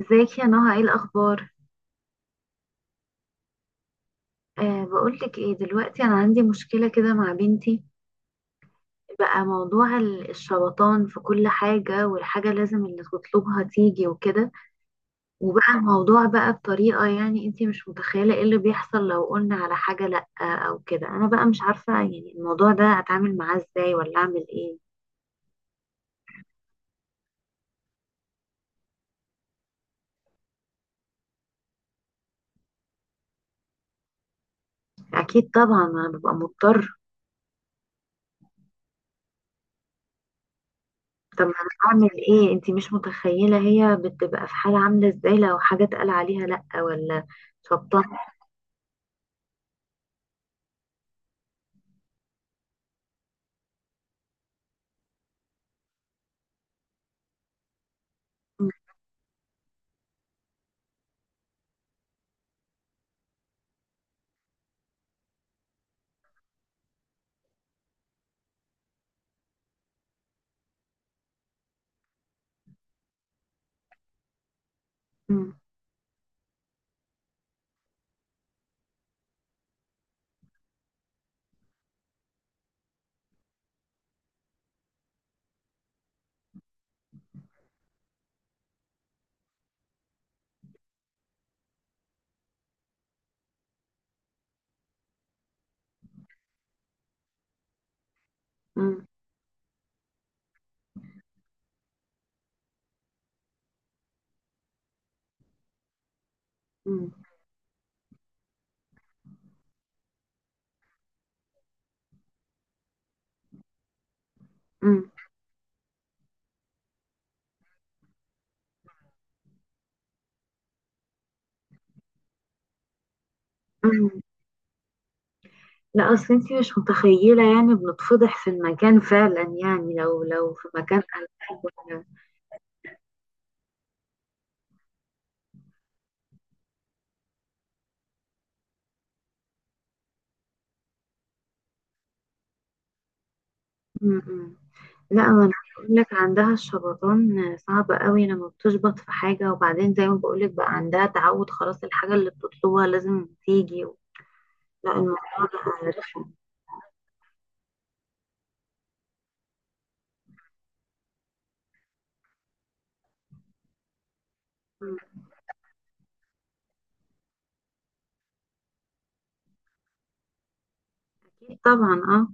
ازيك يا نهى؟ ايه الاخبار؟ أه، بقولك ايه؟ دلوقتي انا عندي مشكله كده مع بنتي. بقى موضوع الشبطان في كل حاجه، والحاجه لازم اللي تطلبها تيجي وكده. وبقى الموضوع بقى بطريقه، يعني انتي مش متخيله ايه اللي بيحصل لو قلنا على حاجه لا او كده. انا بقى مش عارفه يعني الموضوع ده اتعامل معاه ازاي ولا اعمل ايه. اكيد طبعا، انا ببقى مضطر. طب انا اعمل ايه؟ انتي مش متخيله هي بتبقى في حاله عامله ازاي لو حاجه اتقال عليها لا، ولا شبطان. مم. مم. مم. مم. مم. لا، اصل انت مش متخيله يعني بنتفضح في المكان فعلا، يعني لو في مكان ألعاب مم. مم. لا، ما انا بقول لك عندها الشبطان صعب قوي لما بتشبط في حاجه، وبعدين زي ما بقول لك بقى عندها تعود، خلاص الحاجه اللي بتطلبها لازم تيجي. لا، الموضوع ده رخم. مم. اكيد طبعا، اه.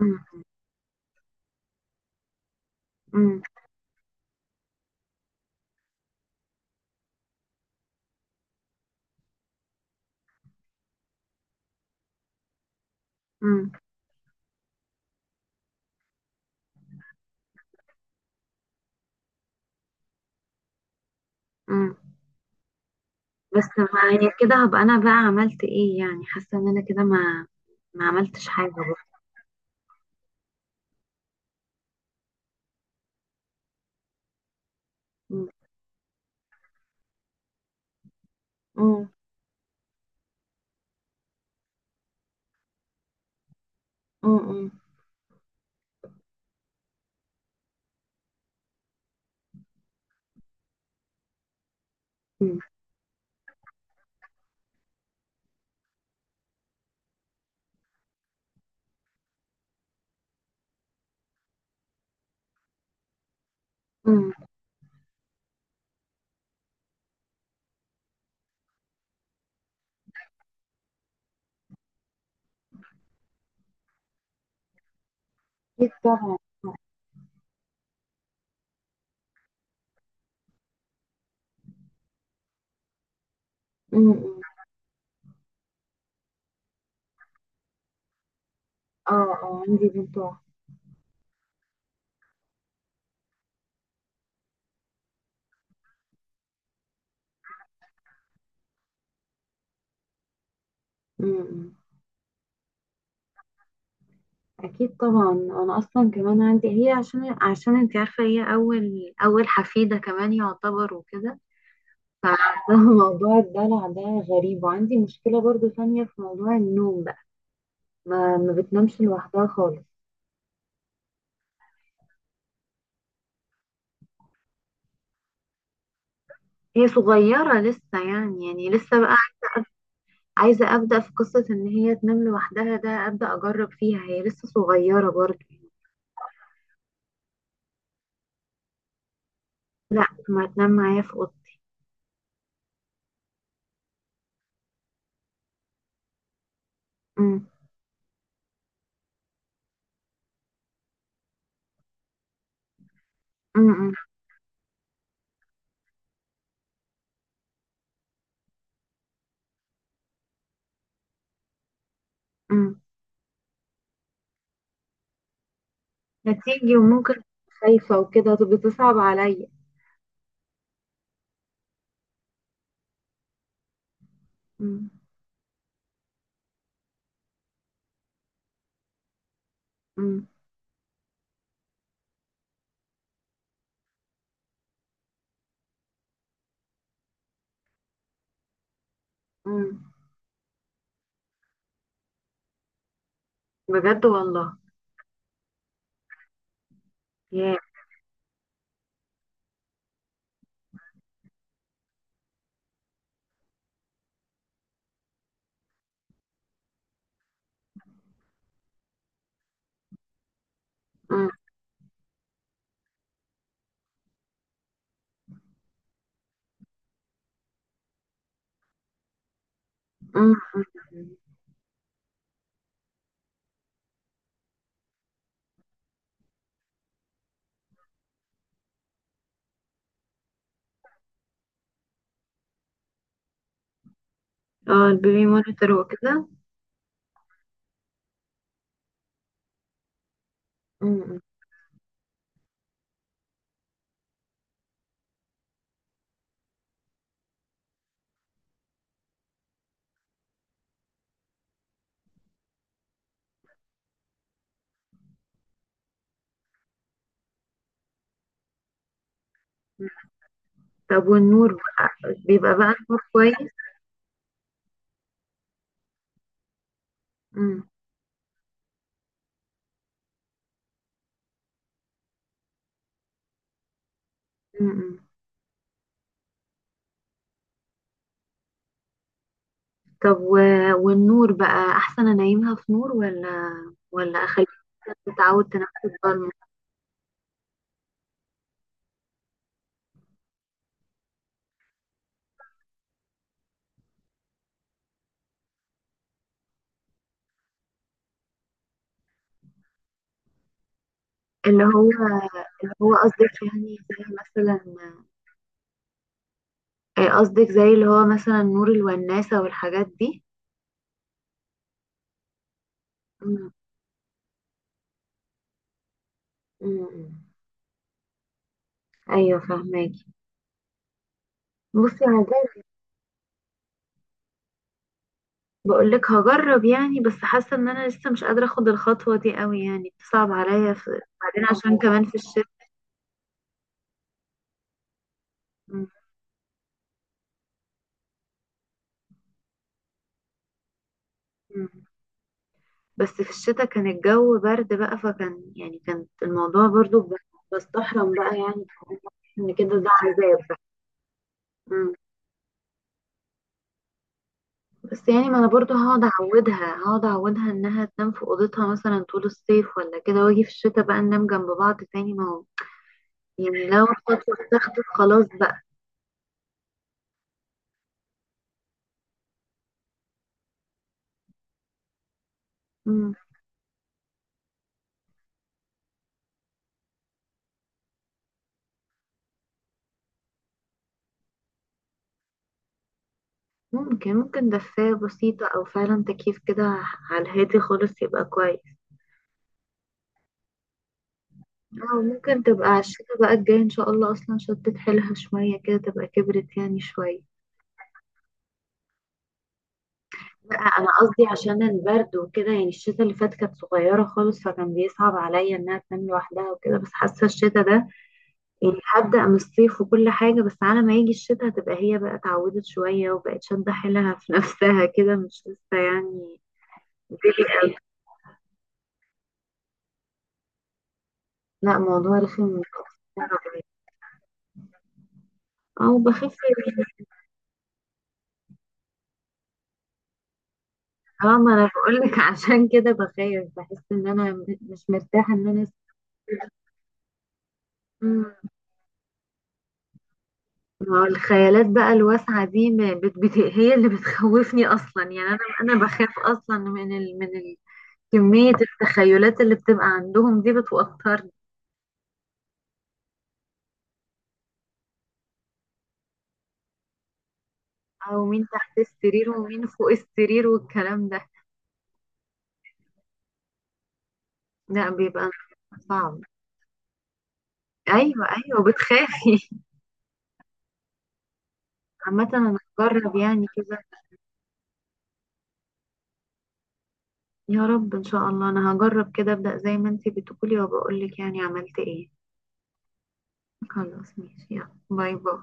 مم. مم. مم. مم. بس ما يعني كده هبقى انا بقى عملت ايه؟ يعني حاسه ان انا كده ما عملتش حاجه. مم. مم. مم. برضه. امم. امم. امم. امم، أكيد طبعا. مم. مم. اه، اه، عندي بنت واحدة. مم. مم. أكيد طبعا، أنا أصلا كمان عندي هي، عشان أنت عارفة، هي أول أول حفيدة كمان يعتبر وكده. فموضوع الدلع ده غريب. وعندي مشكلة برضو ثانية في موضوع النوم بقى، ما بتنامش لوحدها خالص. هي صغيره لسه، يعني لسه عايزة أبدأ في قصة إن هي تنام لوحدها، ده أبدأ أجرب فيها، هي لسه صغيرة برضه. لا، ما تنام معايا في أوضتي. أم. أم. أم. أم. هتيجي وممكن خايفة وكده تبقى تصعب عليا. أم. أم. أم. بجد والله. يا. أم. أم. اه، البيبي مونيتور وكده. أم. أم. أم. طب والنور بقى، بيبقى بقى النور كويس؟ أم. أم. أم. طب والنور بقى احسن انيمها في نور، ولا اخليها تتعود تنام في الضلمه؟ اللي هو اللي هو قصدك يعني زي مثلا؟ آه، قصدك زي اللي هو مثلا نور الوناسه والحاجات دي. مم. مم. ايوه فهماكي. بصي انا زي، بقول لك هجرب يعني، بس حاسه ان انا لسه مش قادره اخد الخطوه دي قوي، يعني صعب عليا بعدين عشان كمان في الشتاء. مم. بس في الشتاء كان الجو برد بقى، فكان يعني كان الموضوع برضو بستحرم بقى يعني، ان كده ده عذاب بقى. مم. بس يعني ما انا برضو هقعد اعودها انها تنام في اوضتها مثلا طول الصيف ولا كده، واجي في الشتاء بقى ننام جنب بعض تاني؟ ما هو يعني لو الخطوة اتاخدت خلاص بقى. مم. ممكن دفاية بسيطة أو فعلا تكييف كده على الهادي خالص يبقى كويس. أو ممكن تبقى على الشتا بقى الجاي إن شاء الله أصلا شدت حيلها شوية كده، تبقى كبرت يعني شوية. لا، انا قصدي عشان البرد وكده، يعني الشتا اللي فات كانت صغيره خالص فكان بيصعب عليا انها تنام لوحدها وكده، بس حاسه الشتا ده يعني هبدا من الصيف وكل حاجه، بس على ما يجي الشتا هتبقى هي بقى اتعودت شويه وبقت شاده حيلها في نفسها كده، مش لسه يعني ديلي قوي. لا، موضوع رخم. اه، وبخاف اه ما انا بقول لك عشان كده بخاف، بحس ان انا مش مرتاحه ان انا. مم. ما هو الخيالات بقى الواسعة دي، ما بت... بت... هي اللي بتخوفني أصلا، يعني أنا بخاف أصلا كمية التخيلات اللي بتبقى عندهم دي بتوترني. أو مين تحت السرير ومين فوق السرير والكلام ده. لا، بيبقى صعب. أيوة أيوة، بتخافي. عامة أنا هجرب يعني كده. يا رب إن شاء الله، أنا هجرب كده أبدأ زي ما أنتي بتقولي، وبقولك يعني عملت إيه. خلاص ماشي، يلا باي باي.